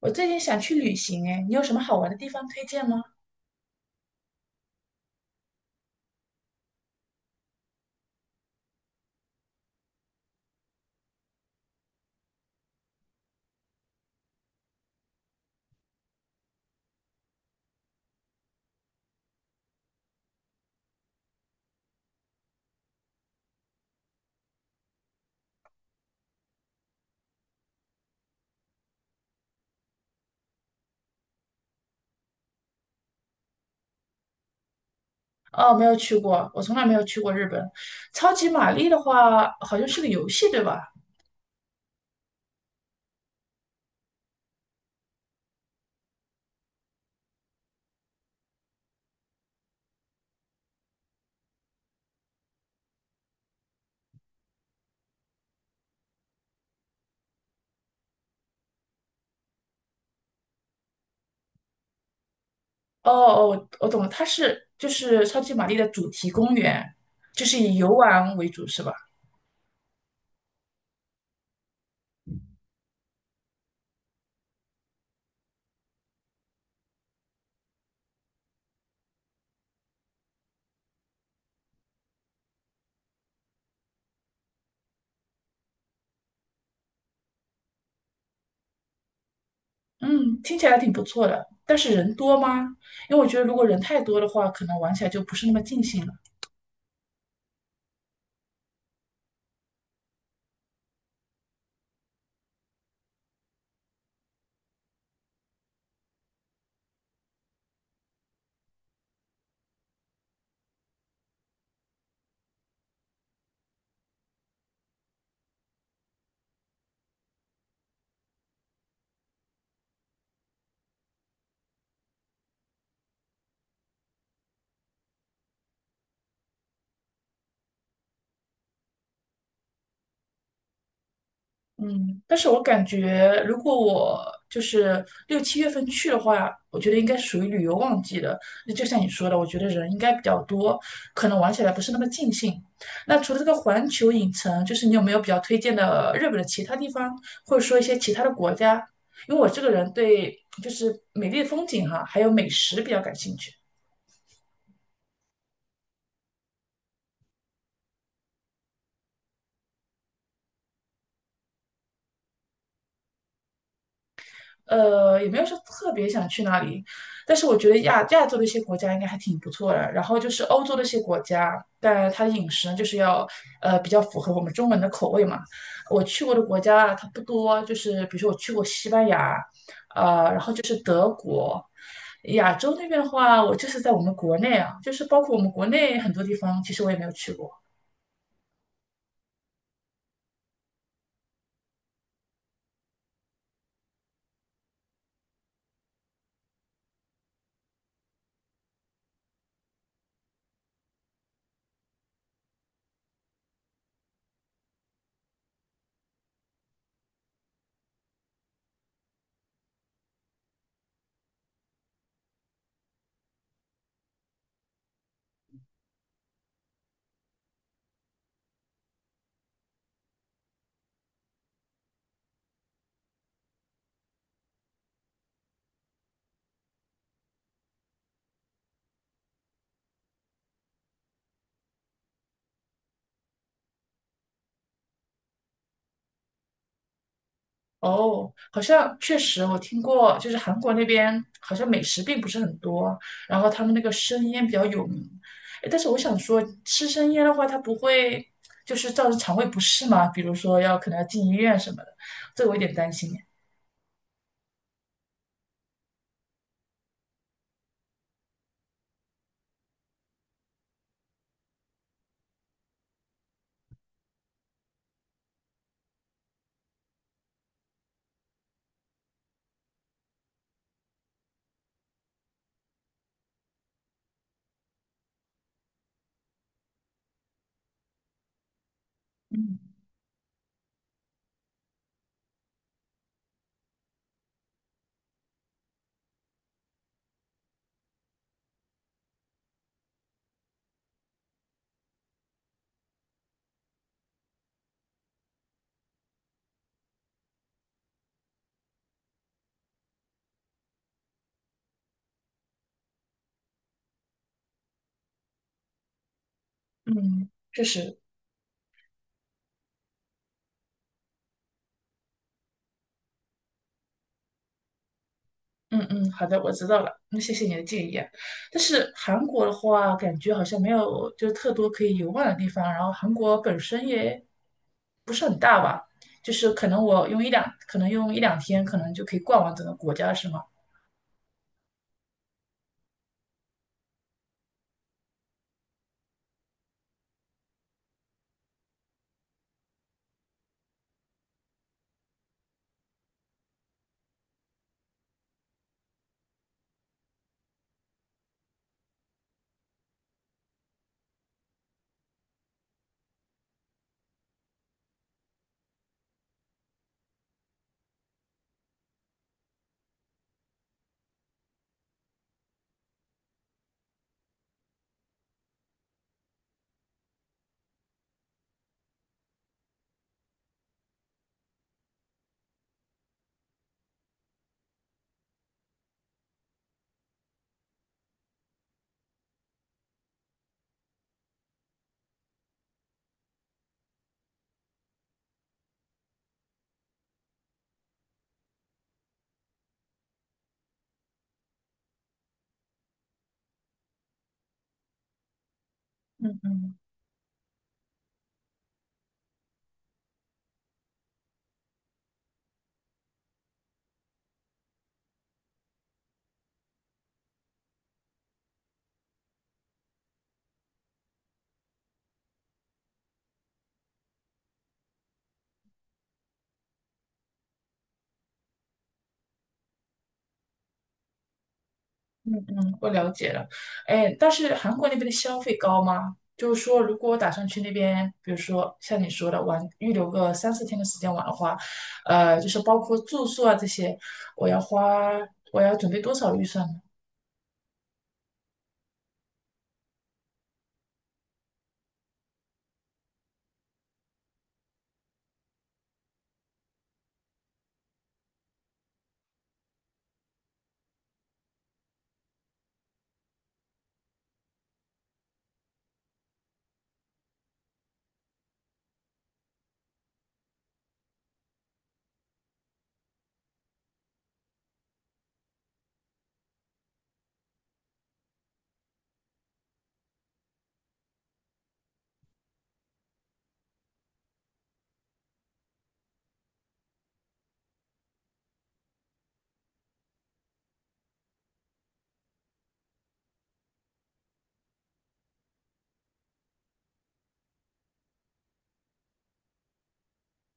我最近想去旅行，哎，你有什么好玩的地方推荐吗？哦，没有去过，我从来没有去过日本。超级玛丽的话，好像是个游戏，对吧？哦哦，我懂了，它是就是超级玛丽的主题公园，就是以游玩为主，是吧？嗯，听起来挺不错的，但是人多吗？因为我觉得如果人太多的话，可能玩起来就不是那么尽兴了。嗯，但是我感觉，如果我就是六七月份去的话，我觉得应该属于旅游旺季的。那就像你说的，我觉得人应该比较多，可能玩起来不是那么尽兴。那除了这个环球影城，就是你有没有比较推荐的日本的其他地方，或者说一些其他的国家？因为我这个人对就是美丽的风景哈、还有美食比较感兴趣。也没有说特别想去哪里，但是我觉得亚洲的一些国家应该还挺不错的。然后就是欧洲的一些国家，但它的饮食呢，就是要比较符合我们中国人的口味嘛。我去过的国家啊它不多，就是比如说我去过西班牙，然后就是德国。亚洲那边的话，我就是在我们国内啊，就是包括我们国内很多地方，其实我也没有去过。哦，好像确实我听过，就是韩国那边好像美食并不是很多，然后他们那个生腌比较有名。诶但是我想说，吃生腌的话，它不会就是造成肠胃不适吗？比如说要可能要进医院什么的，这个我有点担心耶嗯，确实。嗯嗯，好的，我知道了。那谢谢你的建议啊。但是韩国的话，感觉好像没有就是特多可以游玩的地方。然后韩国本身也不是很大吧，就是可能我用一两，可能用一两天，可能就可以逛完整个国家，是吗？嗯嗯，我了解了。哎，但是韩国那边的消费高吗？就是说，如果我打算去那边，比如说像你说的玩，预留个三四天的时间玩的话，就是包括住宿啊这些，我要花，我要准备多少预算呢？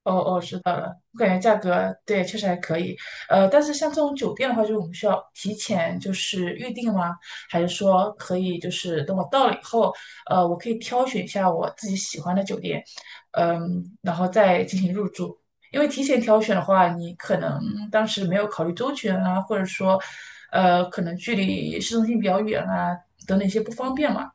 哦哦，知道了。我感觉价格对确实还可以，但是像这种酒店的话，就是我们需要提前就是预定吗？还是说可以就是等我到了以后，我可以挑选一下我自己喜欢的酒店，嗯，然后再进行入住。因为提前挑选的话，你可能当时没有考虑周全啊，或者说，可能距离市中心比较远啊，等等一些不方便嘛。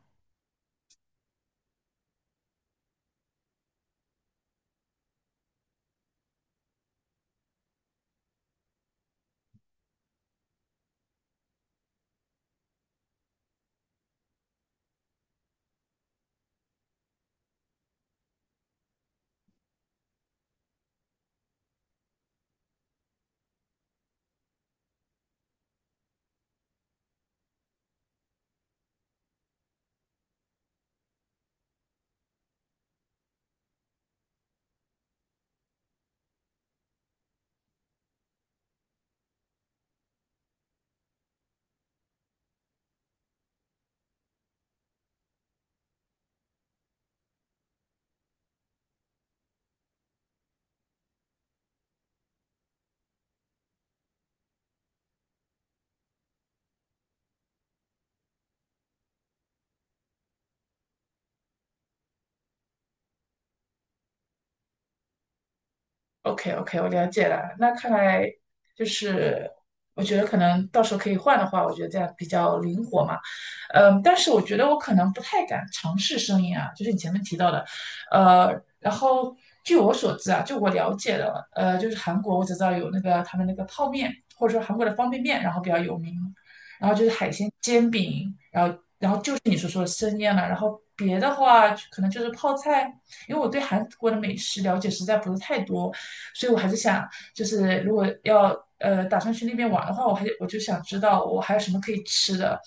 OK OK，我了解了。那看来就是，我觉得可能到时候可以换的话，我觉得这样比较灵活嘛。嗯，但是我觉得我可能不太敢尝试生音啊，就是你前面提到的。呃，然后据我所知啊，就我了解的，就是韩国我只知道有那个他们那个泡面，或者说韩国的方便面，然后比较有名。然后就是海鲜煎饼，然后就是你所说的生腌了。然后别的话可能就是泡菜，因为我对韩国的美食了解实在不是太多。所以我还是想，就是如果要打算去那边玩的话，我就想知道我还有什么可以吃的，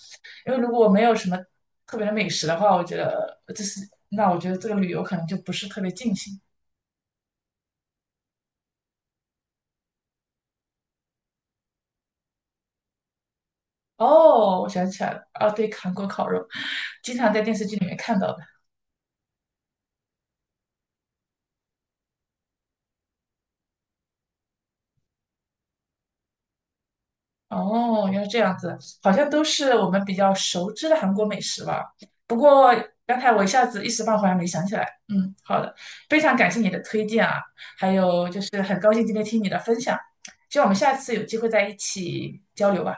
因为如果我没有什么特别的美食的话，我觉得就是那我觉得这个旅游可能就不是特别尽兴。哦，我想起来了，啊，对，韩国烤肉，经常在电视剧里面看到的。哦，原来这样子，好像都是我们比较熟知的韩国美食吧。不过刚才我一下子一时半会儿还没想起来。嗯，好的，非常感谢你的推荐啊，还有就是很高兴今天听你的分享，希望我们下次有机会在一起交流吧，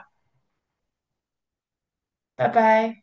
拜拜。